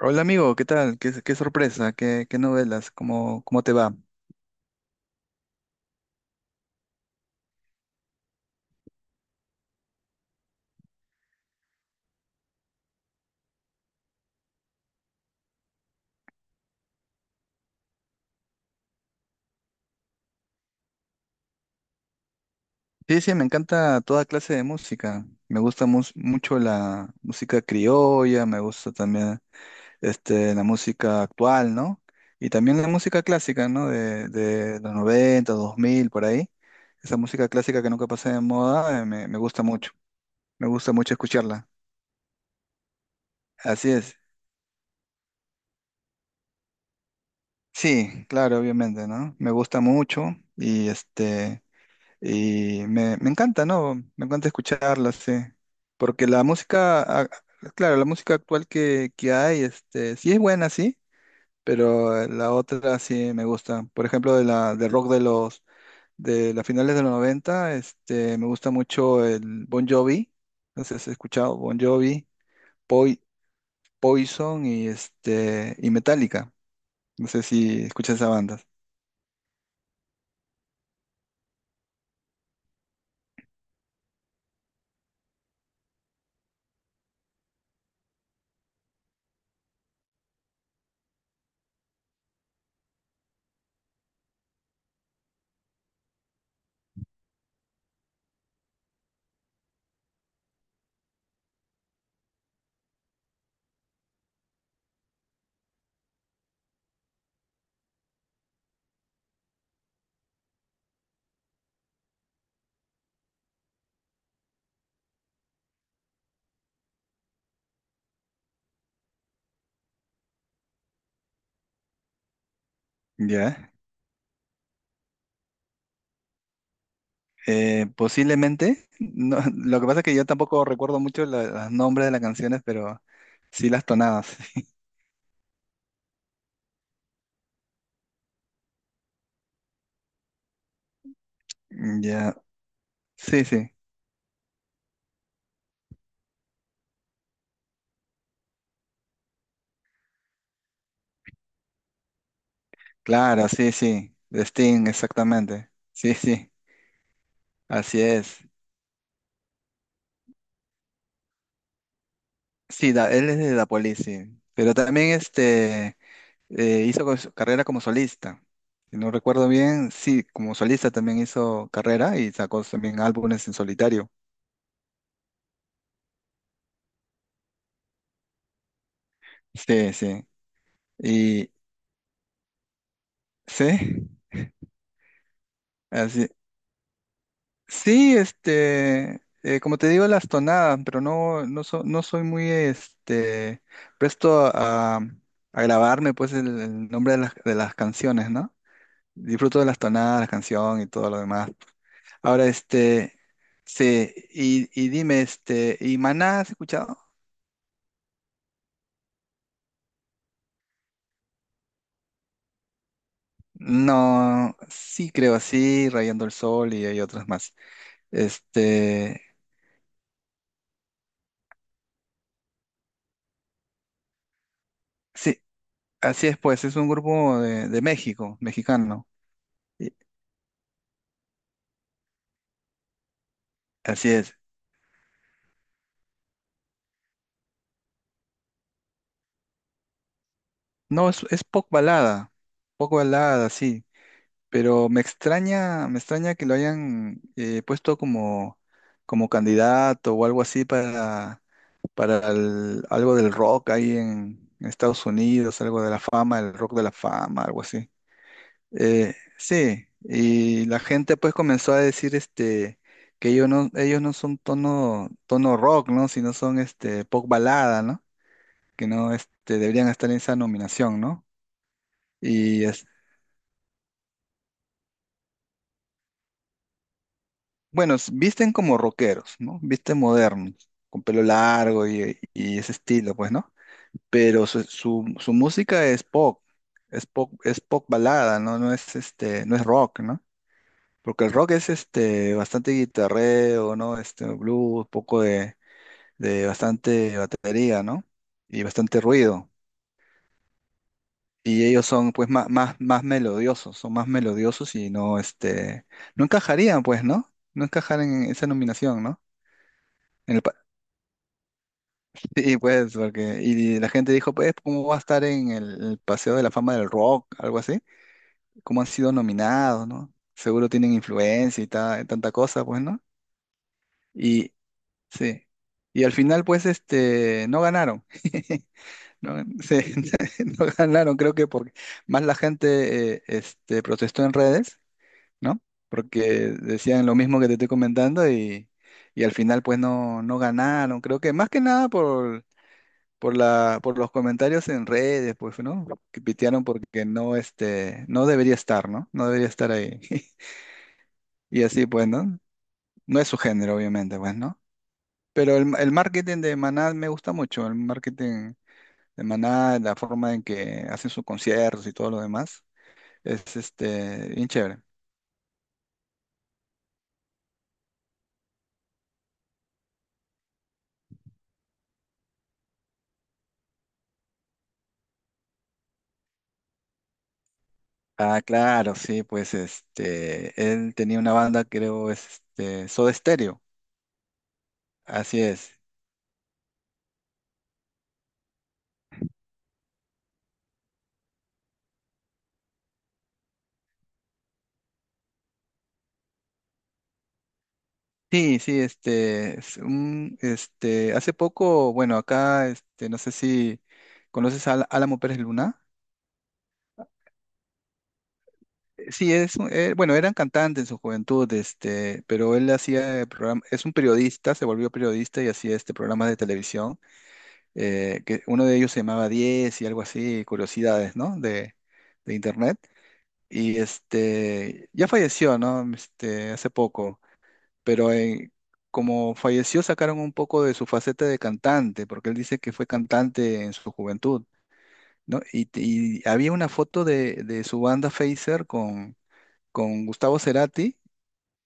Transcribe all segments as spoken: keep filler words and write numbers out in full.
Hola amigo, ¿qué tal? ¿Qué, qué sorpresa? ¿Qué, qué novelas? ¿Cómo, cómo te va? Sí, sí, me encanta toda clase de música. Me gusta mus- mucho la música criolla, me gusta también este, la música actual, ¿no? Y también la música clásica, ¿no? De, de los noventa, dos mil por ahí. Esa música clásica que nunca pasa de moda, eh, me, me gusta mucho. Me gusta mucho escucharla. Así es. Sí, claro, obviamente, ¿no? Me gusta mucho y este... Y me, me encanta, ¿no? Me encanta escucharla, sí. Porque la música, ah, claro, la música actual que, que hay, este, sí es buena, sí, pero eh, la otra sí me gusta. Por ejemplo, de la, de rock de los, de las finales de los noventa este, me gusta mucho el Bon Jovi. No sé si has escuchado Bon Jovi, Poi- Poison y este, y Metallica. No sé si escuchas esa banda. ¿Ya? Eh, posiblemente. No, lo que pasa es que yo tampoco recuerdo mucho la- los nombres de las canciones, pero sí las tonadas. Ya, sí, sí. Claro, sí, sí. De Sting, exactamente. Sí, sí. Así es. Sí, da- él es de Dapolis, sí. Pero también este eh, hizo co- su carrera como solista. Si no recuerdo bien, sí, como solista también hizo carrera y sacó también álbumes en solitario. Sí, sí. Y sí, así. Sí, este, eh, como te digo, las tonadas, pero no, no, so- no soy muy, este, presto a, a grabarme, pues, el, el nombre de las, de las canciones, ¿no? Disfruto de las tonadas, la canción y todo lo demás. Ahora, este, sí, y, y dime, este, ¿y Maná has escuchado? No, sí creo, sí, Rayando el Sol y hay otras más. Este, sí, así es, pues, es un grupo de, de México, mexicano. Y- Así es. No, es, es pop balada, pop balada, sí, pero me extraña, me extraña que lo hayan eh, puesto como, como candidato o algo así para, para el- algo del rock ahí en, en Estados Unidos, algo de la fama, el rock de la fama, algo así. Eh, sí, y la gente pues comenzó a decir este que ellos no, ellos no son tono, tono rock, ¿no? Sino son este pop balada, ¿no? Que no este, deberían estar en esa nominación, ¿no? Y, bueno, s- visten como rockeros, ¿no? Visten modernos, con pelo largo y, y ese estilo, pues, ¿no? Pero su, su, su música es pop, es pop, es pop balada, ¿no? No es este, no es rock, ¿no? Porque el rock es este bastante guitarreo, ¿no? Este blues, poco de, de bastante batería, ¿no? Y bastante ruido. Y ellos son pues más, más, más melodiosos, son más melodiosos y no este, no encajarían, pues, ¿no? No encajarían en esa nominación, ¿no? En el, sí, pues, porque, y la gente dijo, pues, ¿cómo va a estar en el, el Paseo de la Fama del Rock? Algo así. ¿Cómo han sido nominados, no? Seguro tienen influencia y ta- tanta cosa, pues, ¿no? Y sí. Y al final, pues, este, no ganaron. No, sí, no ganaron, creo que porque más la gente eh, este, protestó en redes, ¿no? Porque decían lo mismo que te estoy comentando y, y al final, pues, no, no ganaron. Creo que más que nada por por la, por los comentarios en redes, pues, ¿no? Que pitearon porque no, este, no debería estar, ¿no? No debería estar ahí. Y así, pues, ¿no? No es su género, obviamente, pues, ¿no? Pero el, el marketing de Maná me gusta mucho, el marketing de Maná, la forma en que hacen sus conciertos y todo lo demás, es, este, bien chévere. Ah, claro, sí, pues, este, él tenía una banda, creo, es, este, Soda Stereo, así es. Sí, sí, este, es un- este, hace poco, bueno, acá, este, no sé si conoces a Al- Álamo Pérez Luna. Eh, Sí, es, un- eh, bueno, eran cantantes en su juventud, este, pero él hacía eh, programa, es un periodista, se volvió periodista y hacía este programa de televisión, eh, que uno de ellos se llamaba Diez y algo así, curiosidades, ¿no? De, de internet. Y este, ya falleció, ¿no? Este, hace poco. Pero eh, como falleció sacaron un poco de su faceta de cantante, porque él dice que fue cantante en su juventud, ¿no? Y, y había una foto de, de su banda Facer con, con Gustavo Cerati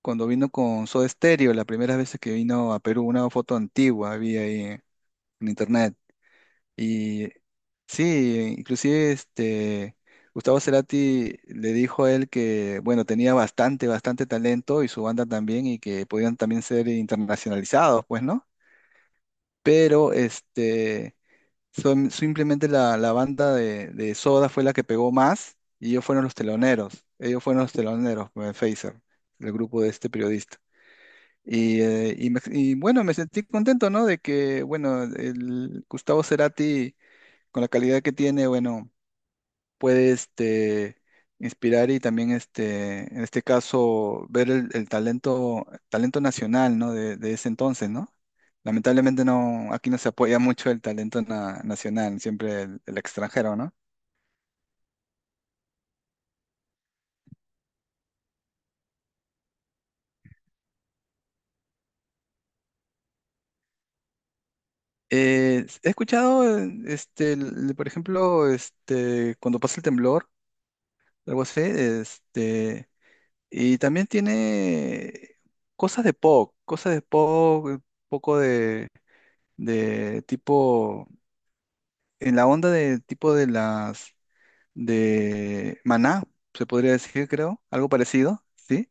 cuando vino con Soda Stereo, la primera vez que vino a Perú, una foto antigua había ahí en internet. Y sí, inclusive este... Gustavo Cerati le dijo a él que, bueno, tenía bastante, bastante talento y su banda también y que podían también ser internacionalizados, pues, ¿no? Pero este, son- simplemente la, la banda de, de Soda fue la que pegó más y ellos fueron los teloneros, ellos fueron los teloneros, eh, Phaser, el grupo de este periodista. Y, eh, y me- y bueno, me sentí contento, ¿no? De que, bueno, el Gustavo Cerati, con la calidad que tiene, bueno puede este, inspirar y también este, en este caso ver el, el talento, talento nacional, ¿no? De, de ese entonces, ¿no? Lamentablemente no, aquí no se apoya mucho el talento na- nacional, siempre el, el extranjero, ¿no? Eh, he escuchado, eh, este, el- por ejemplo, este, cuando pasa el temblor, algo así, este, y también tiene cosas de pop, cosas de pop, un poco de, de tipo en la onda de tipo de las de Maná, se podría decir, creo, algo parecido, ¿sí?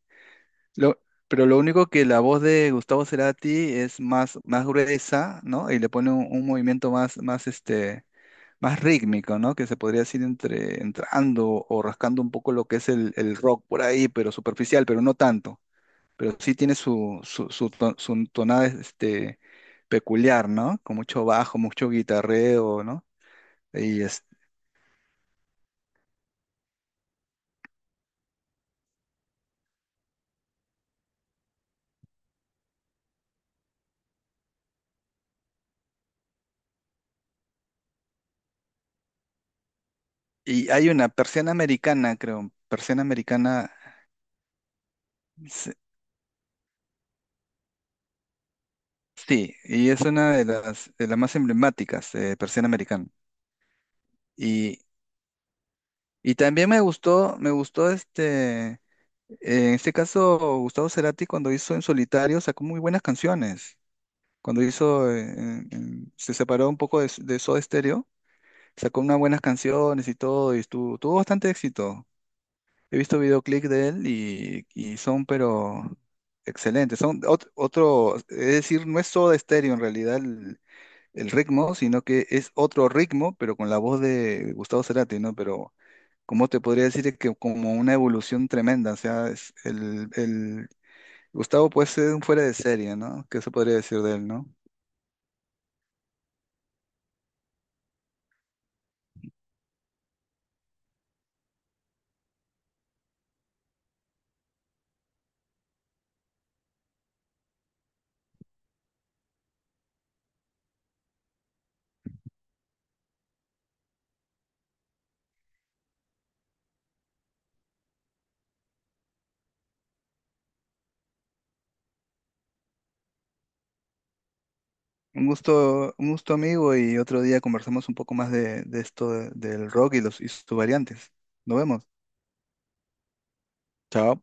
Lo, pero lo único que la voz de Gustavo Cerati es más, más gruesa, ¿no? Y le pone un, un movimiento más, más, este, más rítmico, ¿no? Que se podría decir entre, entrando o rascando un poco lo que es el, el rock por ahí, pero superficial, pero no tanto. Pero sí tiene su, su, su, ton- su tonada, este, peculiar, ¿no? Con mucho bajo, mucho guitarreo, ¿no? Y y hay una persiana americana, creo, persiana americana, s- sí, y es una de las, de las más emblemáticas, eh, persiana americana. Y, y también me gustó, me gustó este, eh, en este caso, Gustavo Cerati cuando hizo En Solitario sacó muy buenas canciones. Cuando hizo, eh, en- en- se separó un poco de, s- de Soda Stereo, sacó unas buenas canciones y todo, y estuvo, tuvo bastante éxito. He visto videoclip de él y, y son, pero excelentes. Son ot- otro, es decir, no es Soda Stereo en realidad el, el ritmo, sino que es otro ritmo, pero con la voz de Gustavo Cerati, ¿no? Pero, ¿cómo te podría decir que como una evolución tremenda? O sea, es el, el- Gustavo puede ser un fuera de serie, ¿no? ¿Qué se podría decir de él, no? Un gusto, un gusto amigo y otro día conversamos un poco más de, de esto de- del rock y, los, y sus variantes. Nos vemos. Chao.